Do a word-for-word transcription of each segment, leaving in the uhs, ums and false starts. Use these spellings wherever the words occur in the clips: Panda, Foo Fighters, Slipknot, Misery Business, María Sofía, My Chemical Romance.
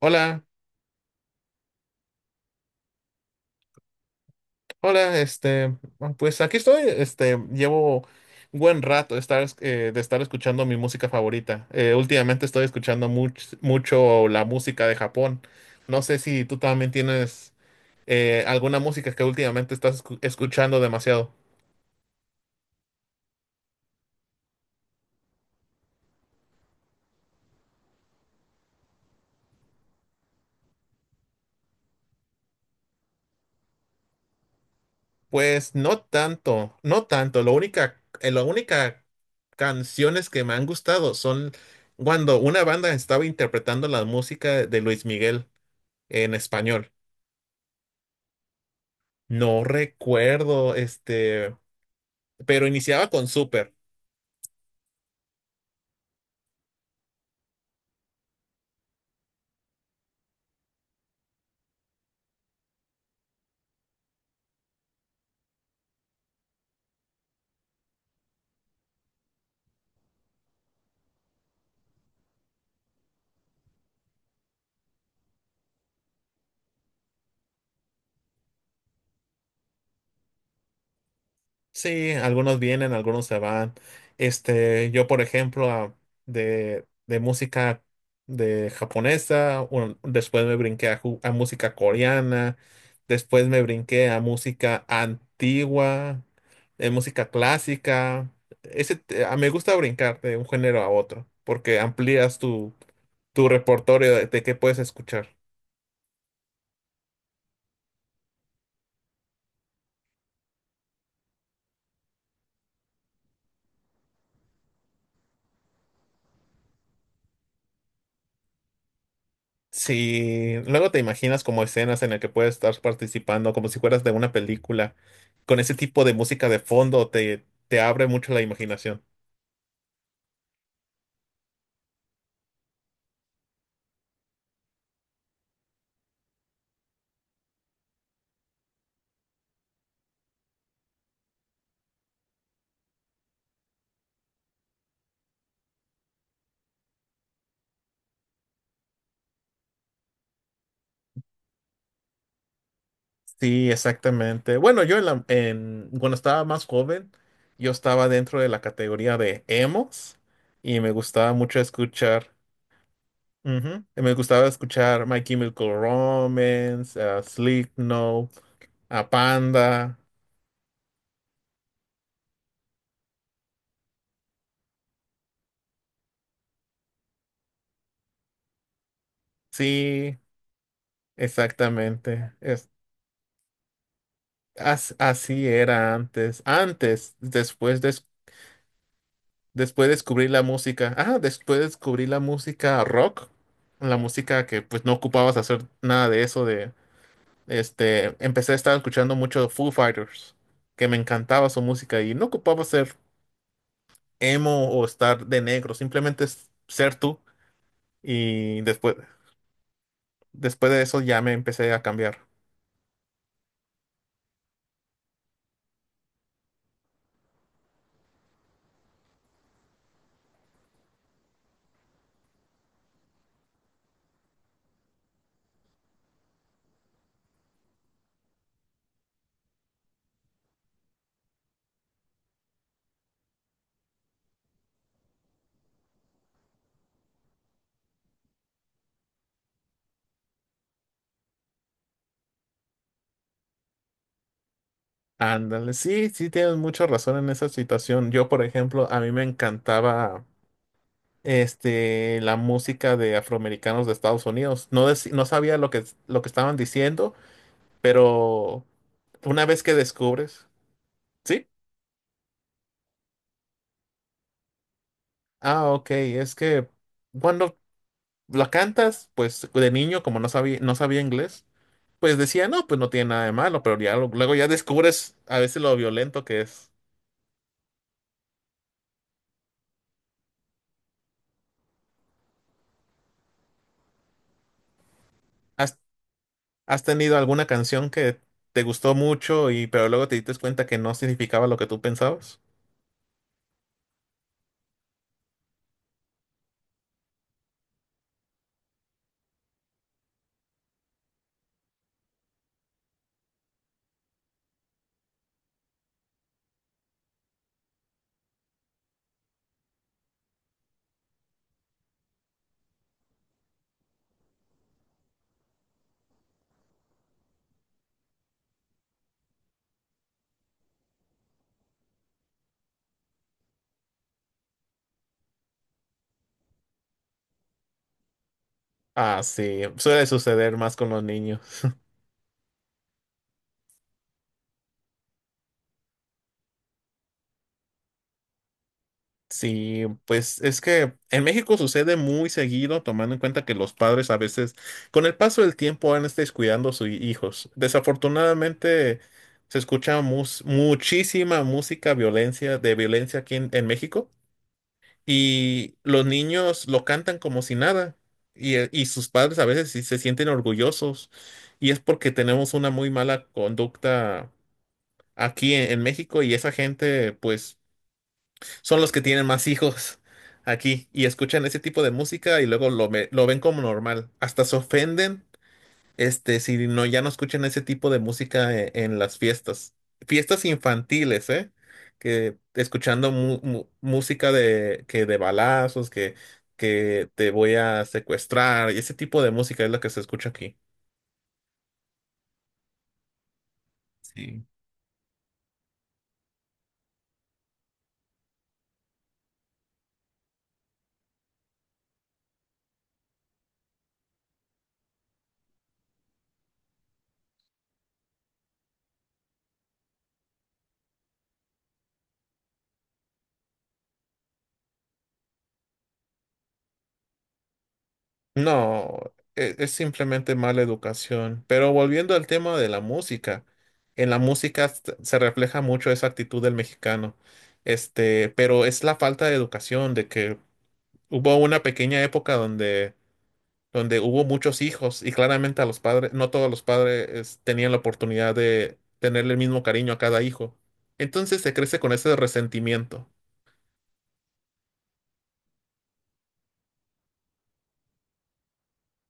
Hola, hola, este, ah, pues aquí estoy, este, llevo buen rato de estar, eh, de estar escuchando mi música favorita. Eh, últimamente estoy escuchando much- mucho la música de Japón. No sé si tú también tienes eh, alguna música que últimamente estás escu- escuchando demasiado. Pues no tanto, no tanto. Lo única, eh, la única canciones que me han gustado son cuando una banda estaba interpretando la música de Luis Miguel en español. No recuerdo, este, pero iniciaba con Super. Sí, algunos vienen, algunos se van. Este, yo, por ejemplo, ah, de, de música de japonesa, un- después me brinqué a, ju- a música coreana, después me brinqué a música antigua, eh, música clásica. Ese, te- ah, me gusta brincar de un género a otro, porque amplías tu, tu repertorio de de qué puedes escuchar. Sí, luego te imaginas como escenas en las que puedes estar participando, como si fueras de una película, con ese tipo de música de fondo, te, te abre mucho la imaginación. Sí, exactamente. Bueno, yo en la- en- cuando estaba más joven, yo estaba dentro de la categoría de emos y me gustaba mucho escuchar, ujú, y me gustaba escuchar My Chemical Romance, a Slipknot, a Panda. Sí, exactamente. As- así era antes. Antes, después, des- después descubrí la música. Ah, después descubrí la música rock. La música que pues no ocupabas hacer nada de eso de este. Empecé a estar escuchando mucho Foo Fighters, que me encantaba su música y no ocupaba ser emo o estar de negro, simplemente es ser tú. Y después, después de eso ya me empecé a cambiar. Ándale, sí, sí tienes mucha razón en esa situación. Yo, por ejemplo, a mí me encantaba. Este, la música de afroamericanos de Estados Unidos. No, dec- no sabía lo que, lo que estaban diciendo, pero una vez que descubres, sí, ah, ok, es que cuando la cantas, pues de niño, como no sabía, no sabía inglés, pues decía, no, pues no tiene nada de malo, pero ya lo- luego ya descubres a veces lo violento que es. ¿Has, has tenido alguna canción que te gustó mucho y pero luego te diste cuenta que no significaba lo que tú pensabas? Ah, sí, suele suceder más con los niños. Sí, pues es que en México sucede muy seguido, tomando en cuenta que los padres a veces, con el paso del tiempo, van descuidando a sus hijos. Desafortunadamente, se escucha mus- muchísima música violencia, de violencia aquí en, en México, y los niños lo cantan como si nada, y, eh, y sus padres a veces sí se sienten orgullosos, y es porque tenemos una muy mala conducta aquí en en México, y esa gente, pues son los que tienen más hijos aquí y escuchan ese tipo de música y luego lo, ve- lo ven como normal. Hasta se ofenden, este, si no, ya no escuchan ese tipo de música e- en, las fiestas. Fiestas infantiles, ¿eh? Que escuchando mu- mu- música de, que de balazos, que, que te voy a secuestrar, y ese tipo de música es lo que se escucha aquí. Sí. No, e- es, simplemente mala educación. Pero volviendo al tema de la música, en la música s- se refleja mucho esa actitud del mexicano. Este, pero es la falta de educación, de que hubo una pequeña época donde, donde hubo muchos hijos y claramente a los padres, no todos los padres es, tenían la oportunidad de tenerle el mismo cariño a cada hijo. Entonces se crece con ese resentimiento.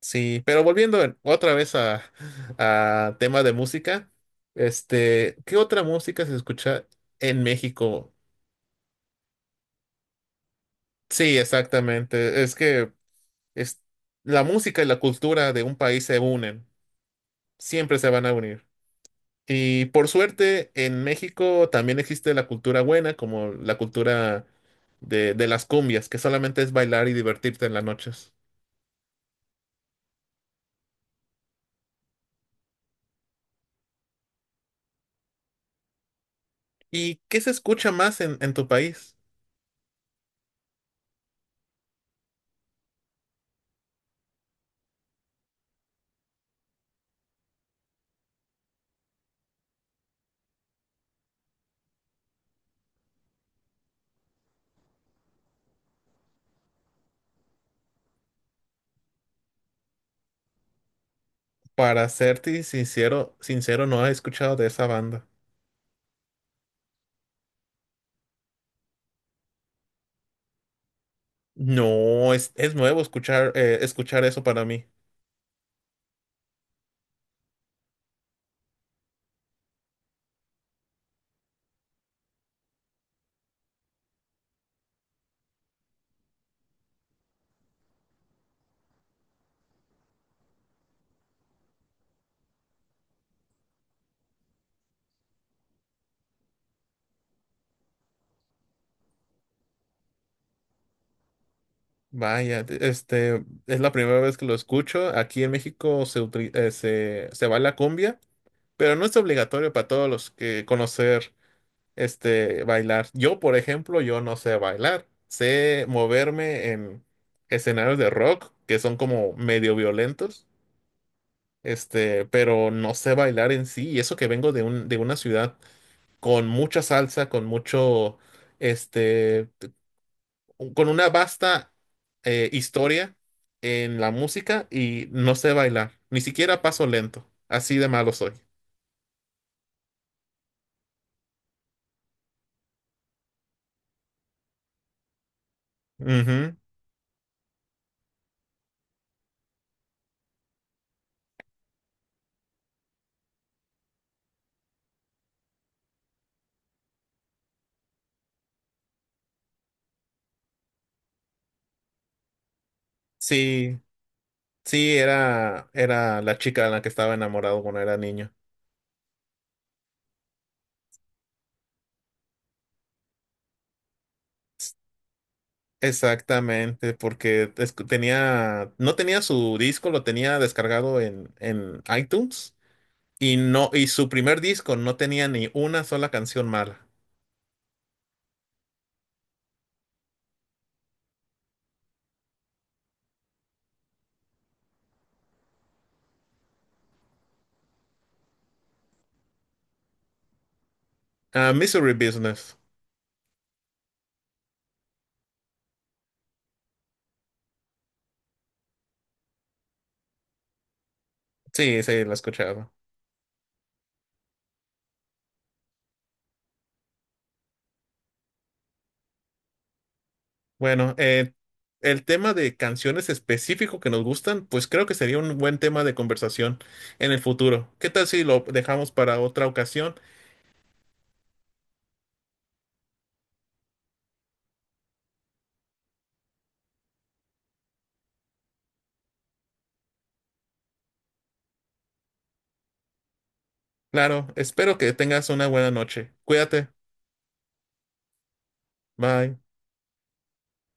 Sí, pero volviendo en- otra vez a, a tema de música, este, ¿qué otra música se escucha en México? Sí, exactamente. Es que es, la música y la cultura de un país se unen, siempre se van a unir. Y por suerte, en México también existe la cultura buena, como la cultura de, de las cumbias, que solamente es bailar y divertirte en las noches. ¿Y qué se escucha más en, en tu país? Para serte sincero, sincero, no he escuchado de esa banda. No, es, es nuevo escuchar, eh, escuchar eso para mí. Vaya, de- este, es la primera vez que lo escucho. Aquí en México se, utili- eh, se, se baila cumbia, pero no es obligatorio para todos los que conocer, este, bailar. Yo, por ejemplo, yo no sé bailar. Sé moverme en escenarios de rock que son como medio violentos, este, pero no sé bailar en sí. Y eso que vengo de un, de una ciudad. Con mucha salsa, con mucho, este, con una vasta eh, historia en la música y no sé bailar, ni siquiera paso lento, así de malo soy. Ujú. Sí, sí, era, era la chica de la que estaba enamorado cuando era niño. Exactamente, porque es- tenía, no tenía su disco, lo tenía descargado en, en iTunes y no, y su primer disco no tenía ni una sola canción mala. Ah, Misery Business. Sí, sí, lo he escuchado. Bueno, eh, el tema de canciones específico que nos gustan, pues creo que sería un buen tema de conversación en el futuro. ¿Qué tal si lo dejamos para otra ocasión? Claro, espero que tengas una buena noche. Cuídate. Bye.